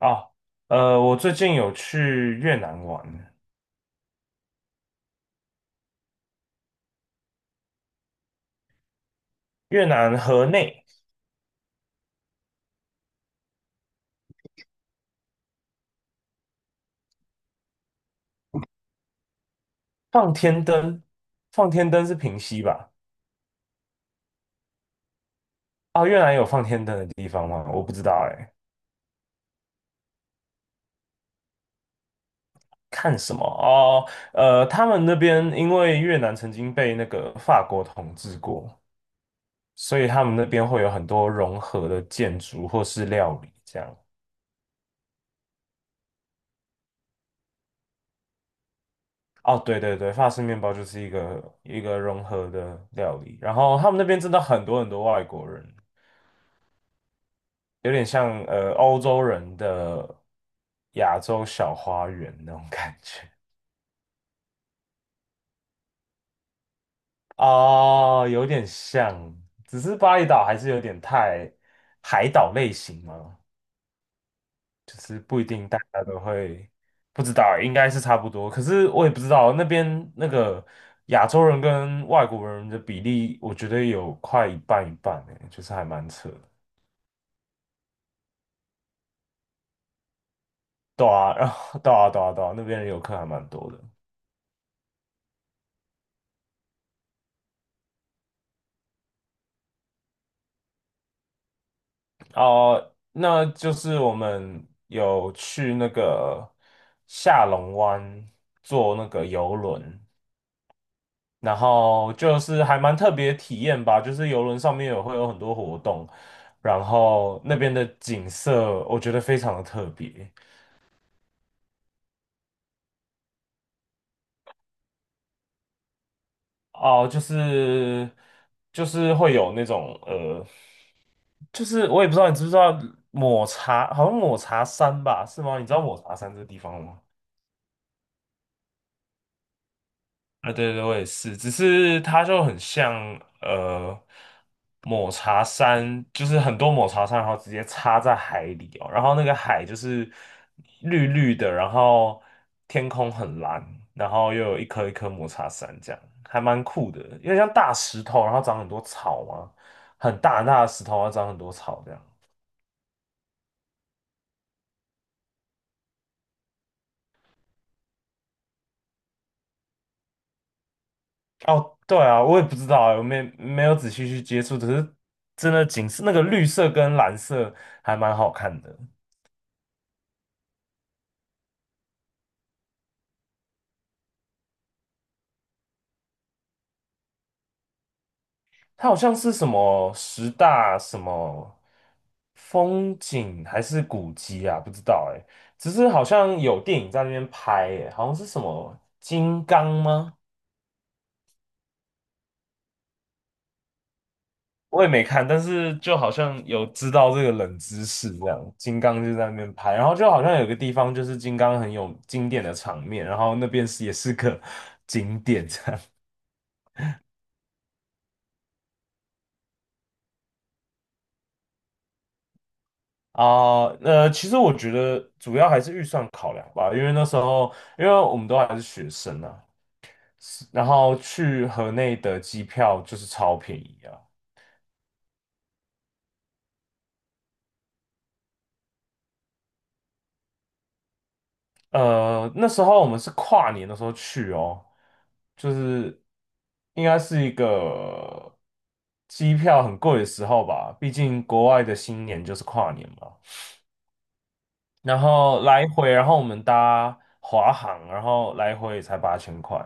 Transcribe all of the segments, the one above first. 哦，我最近有去越南玩，越南河内。放天灯，放天灯是平溪吧？哦，越南有放天灯的地方吗？我不知道哎。看什么？哦，他们那边因为越南曾经被那个法国统治过，所以他们那边会有很多融合的建筑或是料理这样。哦，对对对，法式面包就是一个一个融合的料理，然后他们那边真的很多很多外国人。有点像欧洲人的亚洲小花园那种感觉。哦，有点像，只是巴厘岛还是有点太海岛类型嘛，就是不一定大家都会。不知道欸，应该是差不多，可是我也不知道那边那个亚洲人跟外国人的比例，我觉得有快一半一半诶，就是还蛮扯的。对啊，然后对啊，对啊，对啊，那边的游客还蛮多的。哦，那就是我们有去那个下龙湾坐那个游轮，然后就是还蛮特别的体验吧，就是游轮上面有会有很多活动，然后那边的景色我觉得非常的特别。哦，就是会有那种就是我也不知道你知不知道抹茶，好像抹茶山吧，是吗？你知道抹茶山这个地方吗？啊，对对，我也是，只是它就很像呃抹茶山，就是很多抹茶山，然后直接插在海里哦。然后那个海就是绿绿的，然后天空很蓝，然后又有一颗一颗抹茶山，这样还蛮酷的，因为像大石头，然后长很多草嘛，很大很大的石头，然后长很多草这样。哦，对啊，我也不知道啊，我没有仔细去接触，只是真的景色那个绿色跟蓝色还蛮好看的。它好像是什么十大什么风景还是古迹啊？不知道哎、只是好像有电影在那边拍哎、好像是什么金刚吗？我也没看，但是就好像有知道这个冷知识这样。金刚就在那边拍，然后就好像有个地方就是金刚很有经典的场面，然后那边是也是个 景点这样。啊，其实我觉得主要还是预算考量吧，因为那时候，因为我们都还是学生啊，然后去河内的机票就是超便宜啊。那时候我们是跨年的时候去哦，就是应该是一个机票很贵的时候吧，毕竟国外的新年就是跨年嘛。然后来回，然后我们搭华航，然后来回也才八千块。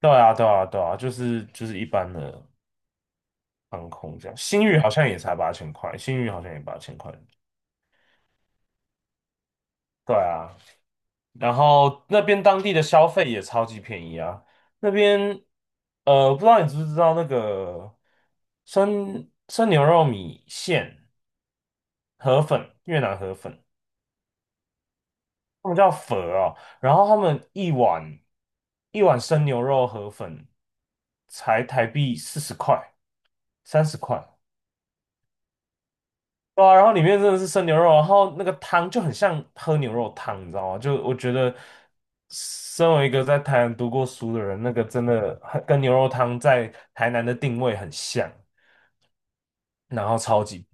对啊，对啊，对啊，就是一般的航空这样。星宇好像也才八千块，星宇好像也八千块。对啊，然后那边当地的消费也超级便宜啊。那边，不知道你知不知道那个生牛肉米线河粉，越南河粉，他们叫粉啊，然后他们一碗一碗生牛肉河粉才台币40块、30块。对啊，然后里面真的是生牛肉，然后那个汤就很像喝牛肉汤，你知道吗？就我觉得，身为一个在台南读过书的人，那个真的很跟牛肉汤在台南的定位很像，然后超级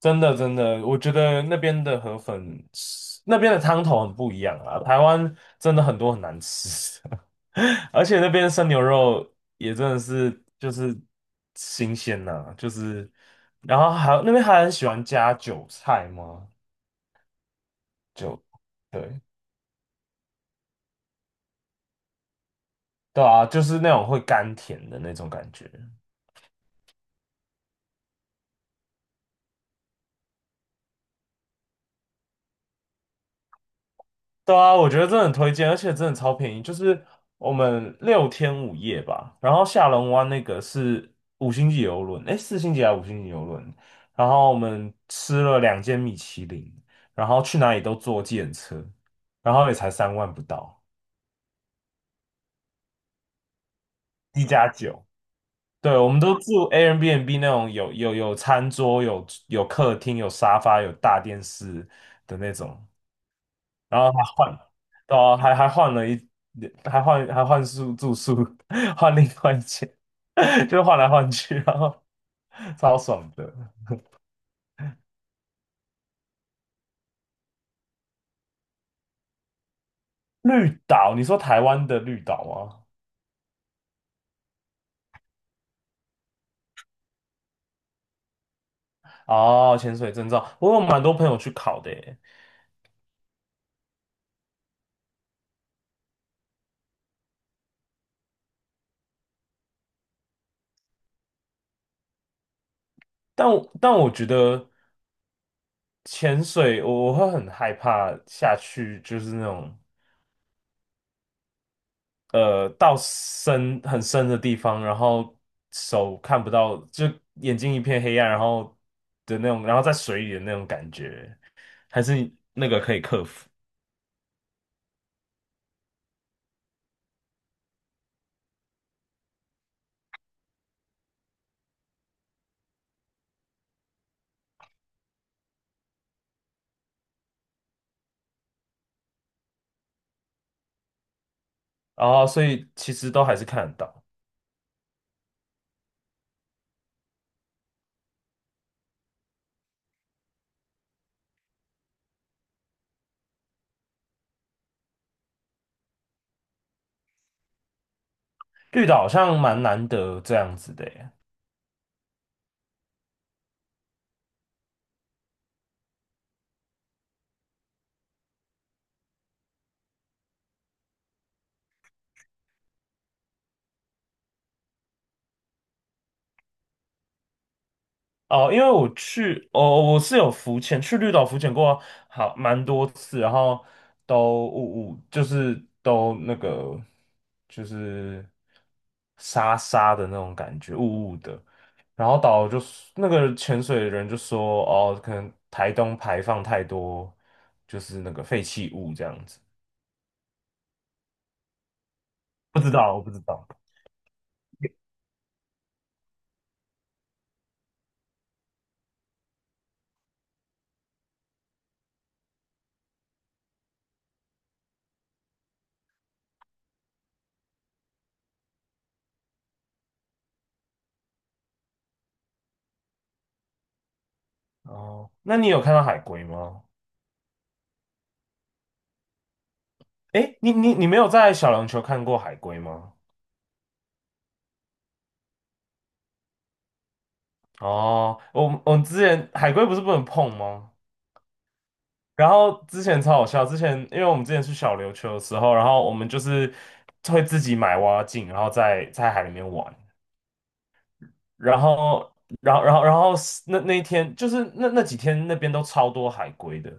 真的真的，我觉得那边的河粉，那边的汤头很不一样啊。台湾真的很多很难吃，而且那边生牛肉也真的是就是新鲜呐、就是，然后还有那边还很喜欢加韭菜吗？就对对啊，就是那种会甘甜的那种感觉。对啊，我觉得真的很推荐，而且真的超便宜，就是我们6天5夜吧，然后下龙湾那个是五星级游轮，诶，4星级还是五星级游轮？然后我们吃了2间米其林，然后去哪里都坐计程车，然后也才3万不到，一加九。对，我们都住 Airbnb 那种有餐桌、有客厅、有沙发、有大电视的那种。然后还换，对啊，还换了一，还换宿住宿，换另外一间，就换来换去，然后超爽的。绿岛，你说台湾的绿岛吗？哦，潜水证照，我有蛮多朋友去考的耶，但我觉得潜水我会很害怕下去，就是那种。到深很深的地方，然后手看不到，就眼睛一片黑暗，然后的那种，然后在水里的那种感觉，还是那个可以克服。然后所以其实都还是看得到，绿岛好像蛮难得这样子的耶。哦，因为我去，哦，我是有浮潜，去绿岛浮潜过好蛮多次，然后都我就是都那个就是沙沙的那种感觉，雾雾的。然后导游就说那个潜水的人就说，哦，可能台东排放太多就是那个废弃物这样子，不知道，我不知道。哦，那你有看到海龟吗？诶，你没有在小琉球看过海龟吗？哦，我们之前海龟不是不能碰吗？然后之前超好笑，之前因为我们之前去小琉球的时候，然后我们就是会自己买蛙镜，然后在海里面玩，然后然后是那一天就是那几天那边都超多海龟的，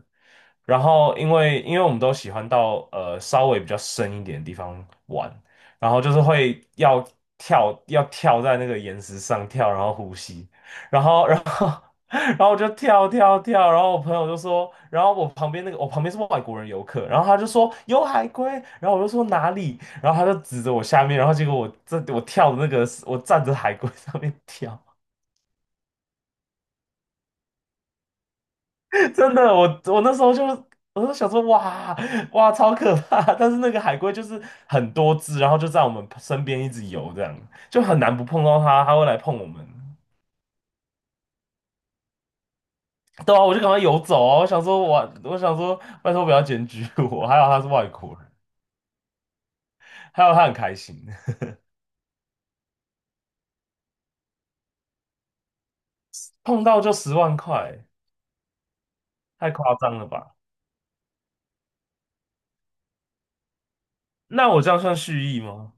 然后因为我们都喜欢到稍微比较深一点的地方玩，然后就是会要跳在那个岩石上跳，然后呼吸。然后然后我就跳跳跳，然后我朋友就说，然后我旁边那个我旁边是外国人游客，然后他就说有海龟，然后我就说哪里，然后他就指着我下面，然后结果我这我跳的那个是我站着海龟 上面跳，真的我那时候就想说哇哇超可怕，但是那个海龟就是很多只，然后就在我们身边一直游，这样就很难不碰到它，它会来碰我们。对啊，我就赶快游走啊！我想说我，我想说，拜托不要检举我，还好他是外国人。还有他很开心，碰到就10万块，太夸张了吧？那我这样算蓄意吗？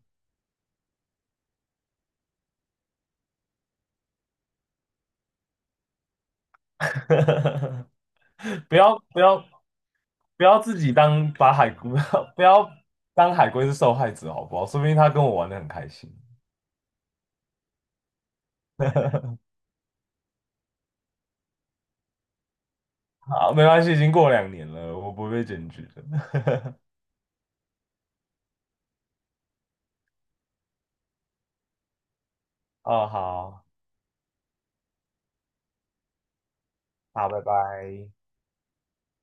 不要不要不要自己当把海龟，不要当海龟是受害者好不好？说不定他跟我玩的很开心。好，没关系，已经过2年了，我不会被检举的。哦，好，好，拜拜。